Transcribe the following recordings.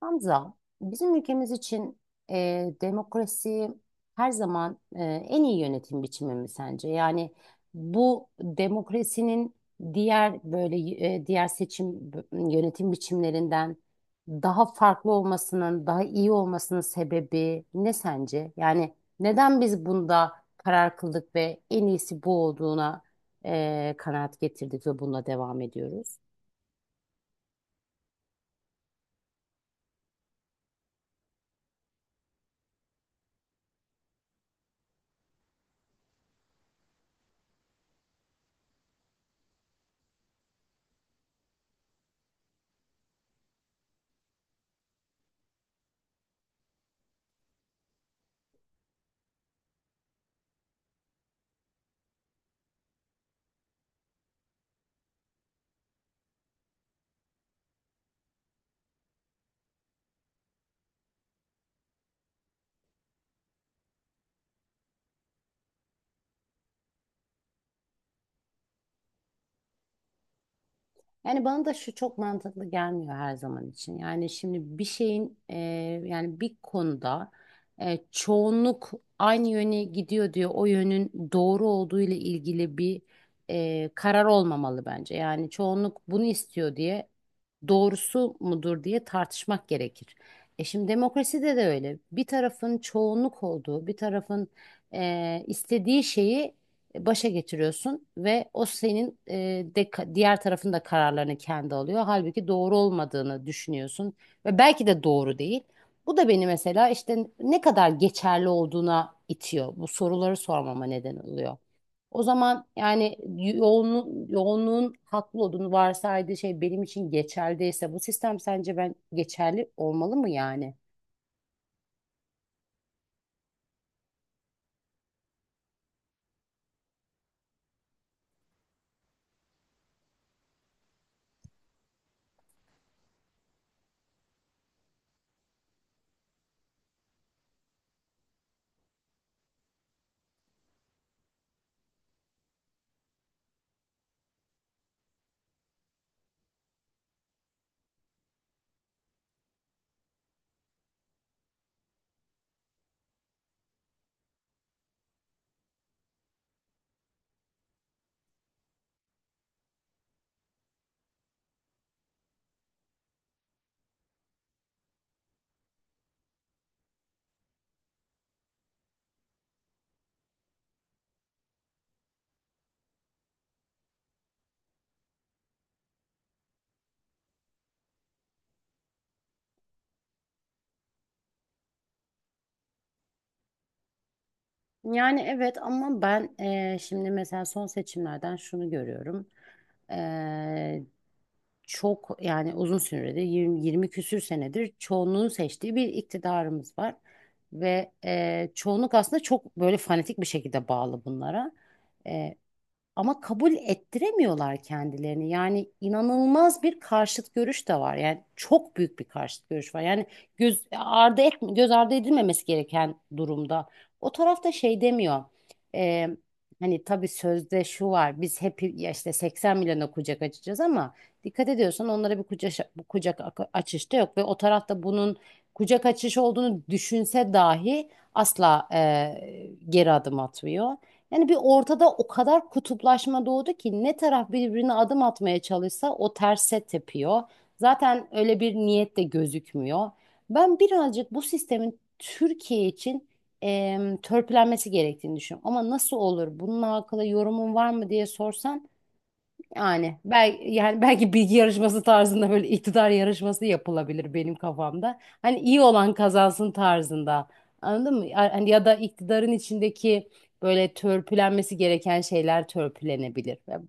Hamza, bizim ülkemiz için demokrasi her zaman en iyi yönetim biçimi mi sence? Yani bu demokrasinin diğer böyle diğer seçim yönetim biçimlerinden daha farklı olmasının, daha iyi olmasının sebebi ne sence? Yani neden biz bunda karar kıldık ve en iyisi bu olduğuna kanaat getirdik ve bununla devam ediyoruz? Yani bana da şu çok mantıklı gelmiyor her zaman için. Yani şimdi bir şeyin yani bir konuda çoğunluk aynı yöne gidiyor diyor. O yönün doğru olduğu ile ilgili bir karar olmamalı bence. Yani çoğunluk bunu istiyor diye doğrusu mudur diye tartışmak gerekir. Şimdi demokraside de öyle. Bir tarafın çoğunluk olduğu, bir tarafın istediği şeyi başa getiriyorsun ve o senin diğer tarafın da kararlarını kendi alıyor. Halbuki doğru olmadığını düşünüyorsun ve belki de doğru değil. Bu da beni mesela işte ne kadar geçerli olduğuna itiyor. Bu soruları sormama neden oluyor. O zaman yani yoğunluğun haklı olduğunu varsaydığı şey benim için geçerliyse bu sistem sence ben geçerli olmalı mı yani? Yani evet, ama ben şimdi mesela son seçimlerden şunu görüyorum. Eee, Çok yani uzun süredir 20, 20 küsür senedir çoğunluğun seçtiği bir iktidarımız var. Ve çoğunluk aslında çok böyle fanatik bir şekilde bağlı bunlara ama kabul ettiremiyorlar kendilerini. Yani inanılmaz bir karşıt görüş de var. Yani çok büyük bir karşıt görüş var. Yani göz ardı edilmemesi gereken durumda. O tarafta şey demiyor. Ee, Hani tabii sözde şu var. Biz hep ya işte 80 milyona kucak açacağız ama dikkat ediyorsan onlara bir kucak açış da yok ve o tarafta bunun kucak açış olduğunu düşünse dahi asla geri adım atmıyor. Yani bir ortada o kadar kutuplaşma doğdu ki ne taraf birbirine adım atmaya çalışsa o terse tepiyor. Zaten öyle bir niyet de gözükmüyor. Ben birazcık bu sistemin Türkiye için törpülenmesi gerektiğini düşünüyorum. Ama nasıl olur? Bununla alakalı yorumun var mı diye sorsan yani belki bilgi yarışması tarzında böyle iktidar yarışması yapılabilir benim kafamda. Hani iyi olan kazansın tarzında. Anladın mı? Hani ya da iktidarın içindeki böyle törpülenmesi gereken şeyler törpülenebilir. Ya,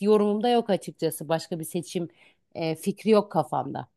yorumumda yok açıkçası. Başka bir seçim fikri yok kafamda.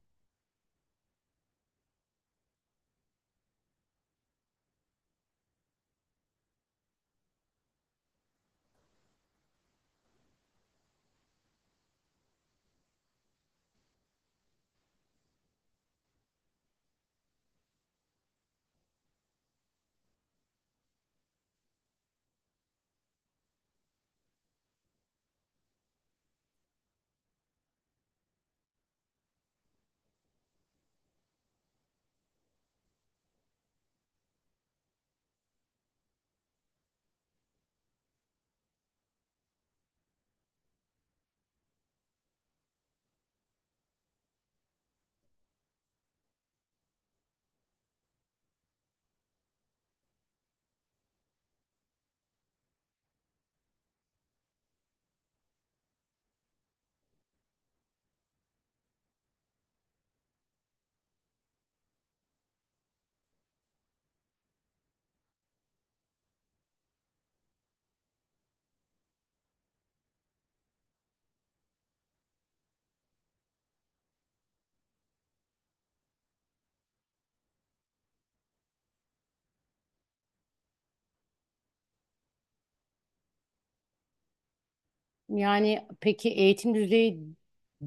Yani peki, eğitim düzeyi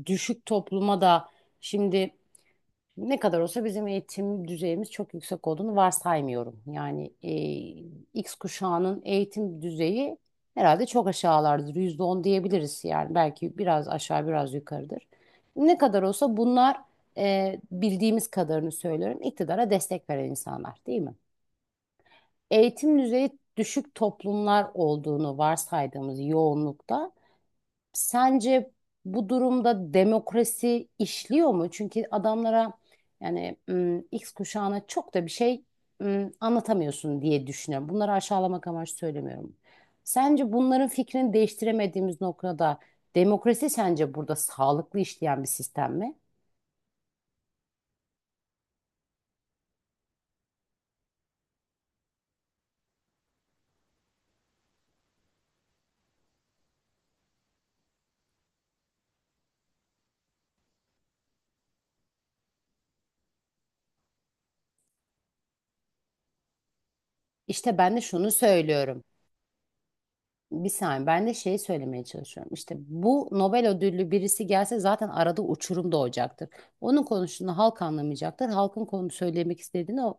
düşük topluma da şimdi ne kadar olsa bizim eğitim düzeyimiz çok yüksek olduğunu varsaymıyorum. Yani X kuşağının eğitim düzeyi herhalde çok aşağılardır. %10 diyebiliriz yani. Belki biraz aşağı biraz yukarıdır. Ne kadar olsa bunlar bildiğimiz kadarını söylüyorum. İktidara destek veren insanlar değil mi? Eğitim düzeyi düşük toplumlar olduğunu varsaydığımız yoğunlukta sence bu durumda demokrasi işliyor mu? Çünkü adamlara yani X kuşağına çok da bir şey anlatamıyorsun diye düşünüyorum. Bunları aşağılamak amaçlı söylemiyorum. Sence bunların fikrini değiştiremediğimiz noktada demokrasi sence burada sağlıklı işleyen bir sistem mi? İşte ben de şunu söylüyorum. Bir saniye, ben de şeyi söylemeye çalışıyorum. İşte bu Nobel ödüllü birisi gelse zaten arada uçurum doğacaktır. Onun konuştuğunu halk anlamayacaktır. Halkın konu söylemek istediğini o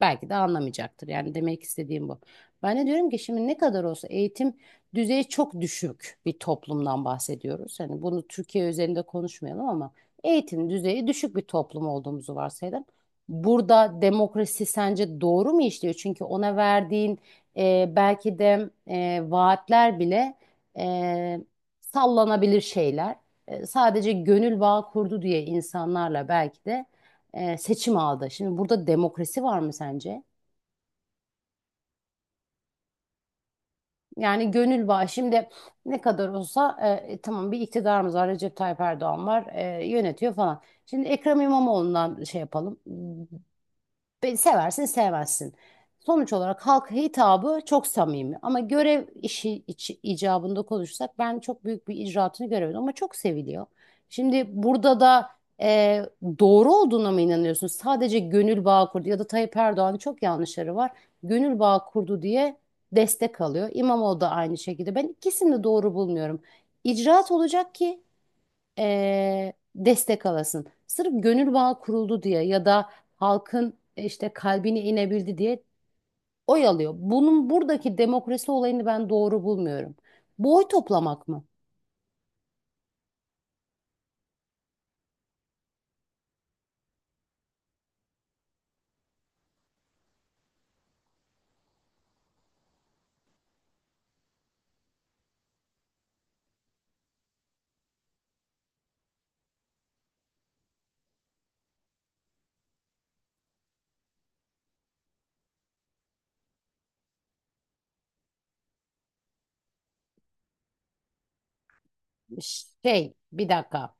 belki de anlamayacaktır. Yani demek istediğim bu. Ben de diyorum ki şimdi ne kadar olsa eğitim düzeyi çok düşük bir toplumdan bahsediyoruz. Hani bunu Türkiye üzerinde konuşmayalım ama eğitim düzeyi düşük bir toplum olduğumuzu varsayalım. Burada demokrasi sence doğru mu işliyor? Çünkü ona verdiğin belki de vaatler bile e, sallanabilir şeyler. Sadece gönül bağı kurdu diye insanlarla belki de seçim aldı. Şimdi burada demokrasi var mı sence? Yani gönül bağı şimdi ne kadar olsa tamam, bir iktidarımız var, Recep Tayyip Erdoğan var, yönetiyor falan. Şimdi Ekrem İmamoğlu'ndan şey yapalım. Seversin sevmezsin. Sonuç olarak halka hitabı çok samimi ama görev işi icabında konuşsak ben çok büyük bir icraatını göremedim ama çok seviliyor. Şimdi burada da e, doğru olduğuna mı inanıyorsun? Sadece gönül bağı kurdu ya da Tayyip Erdoğan'ın çok yanlışları var. Gönül bağı kurdu diye destek alıyor. İmamoğlu da aynı şekilde. Ben ikisini de doğru bulmuyorum. İcraat olacak ki destek alasın. Sırf gönül bağı kuruldu diye ya da halkın işte kalbine inebildi diye oy alıyor. Bunun buradaki demokrasi olayını ben doğru bulmuyorum. Bu oy toplamak mı? Şey, bir dakika.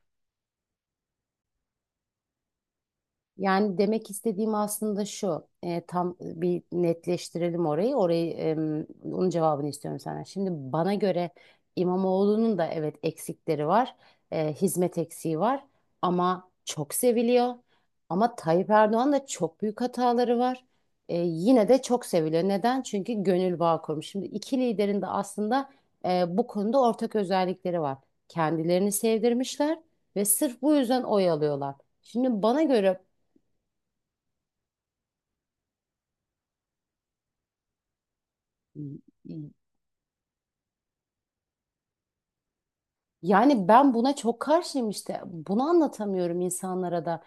Yani demek istediğim aslında şu, tam bir netleştirelim orayı. Orayı, onun cevabını istiyorum senden. Şimdi bana göre İmamoğlu'nun da evet, eksikleri var, hizmet eksiği var ama çok seviliyor. Ama Tayyip Erdoğan da çok büyük hataları var. Yine de çok seviliyor. Neden? Çünkü gönül bağı kurmuş. Şimdi iki liderin de aslında bu konuda ortak özellikleri var. Kendilerini sevdirmişler ve sırf bu yüzden oy alıyorlar. Şimdi bana göre, yani ben buna çok karşıyım işte. Bunu anlatamıyorum insanlara da.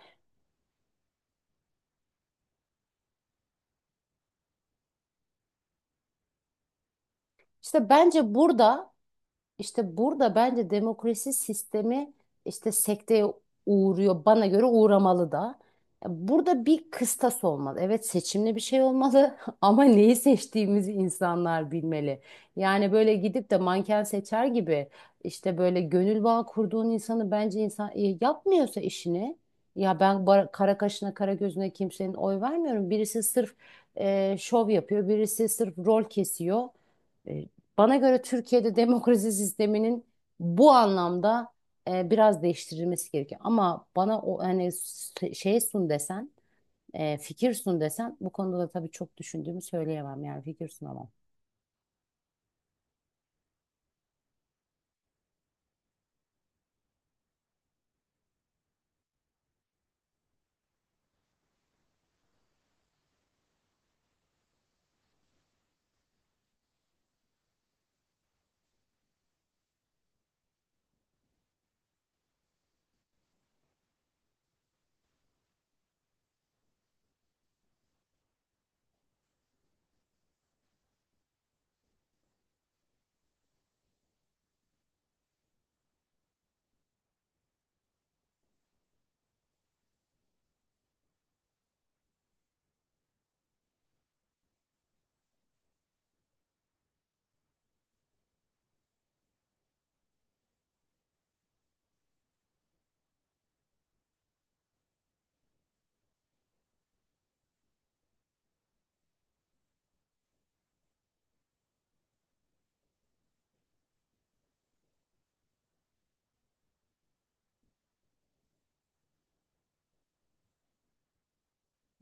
İşte bence burada İşte burada bence demokrasi sistemi işte sekteye uğruyor. Bana göre uğramalı da. Ya, burada bir kıstas olmalı. Evet, seçimli bir şey olmalı ama neyi seçtiğimizi insanlar bilmeli. Yani böyle gidip de manken seçer gibi işte böyle gönül bağı kurduğun insanı bence, insan yapmıyorsa işini, ya ben kara kaşına kara gözüne kimsenin oy vermiyorum. Birisi sırf şov yapıyor, birisi sırf rol kesiyor. E, Bana göre Türkiye'de demokrasi sisteminin bu anlamda biraz değiştirilmesi gerekiyor. Ama bana o hani şey sun desen, fikir sun desen bu konuda da tabii çok düşündüğümü söyleyemem, yani fikir sunamam.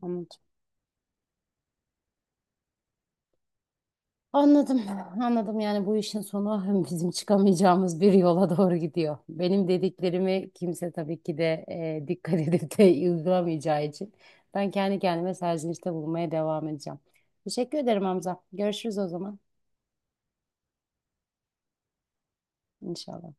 Anladım. Anladım, anladım yani bu işin sonu bizim çıkamayacağımız bir yola doğru gidiyor. Benim dediklerimi kimse tabii ki de dikkat edip de uygulamayacağı için ben kendi kendime serzenişte bulunmaya devam edeceğim. Teşekkür ederim Hamza. Görüşürüz o zaman inşallah.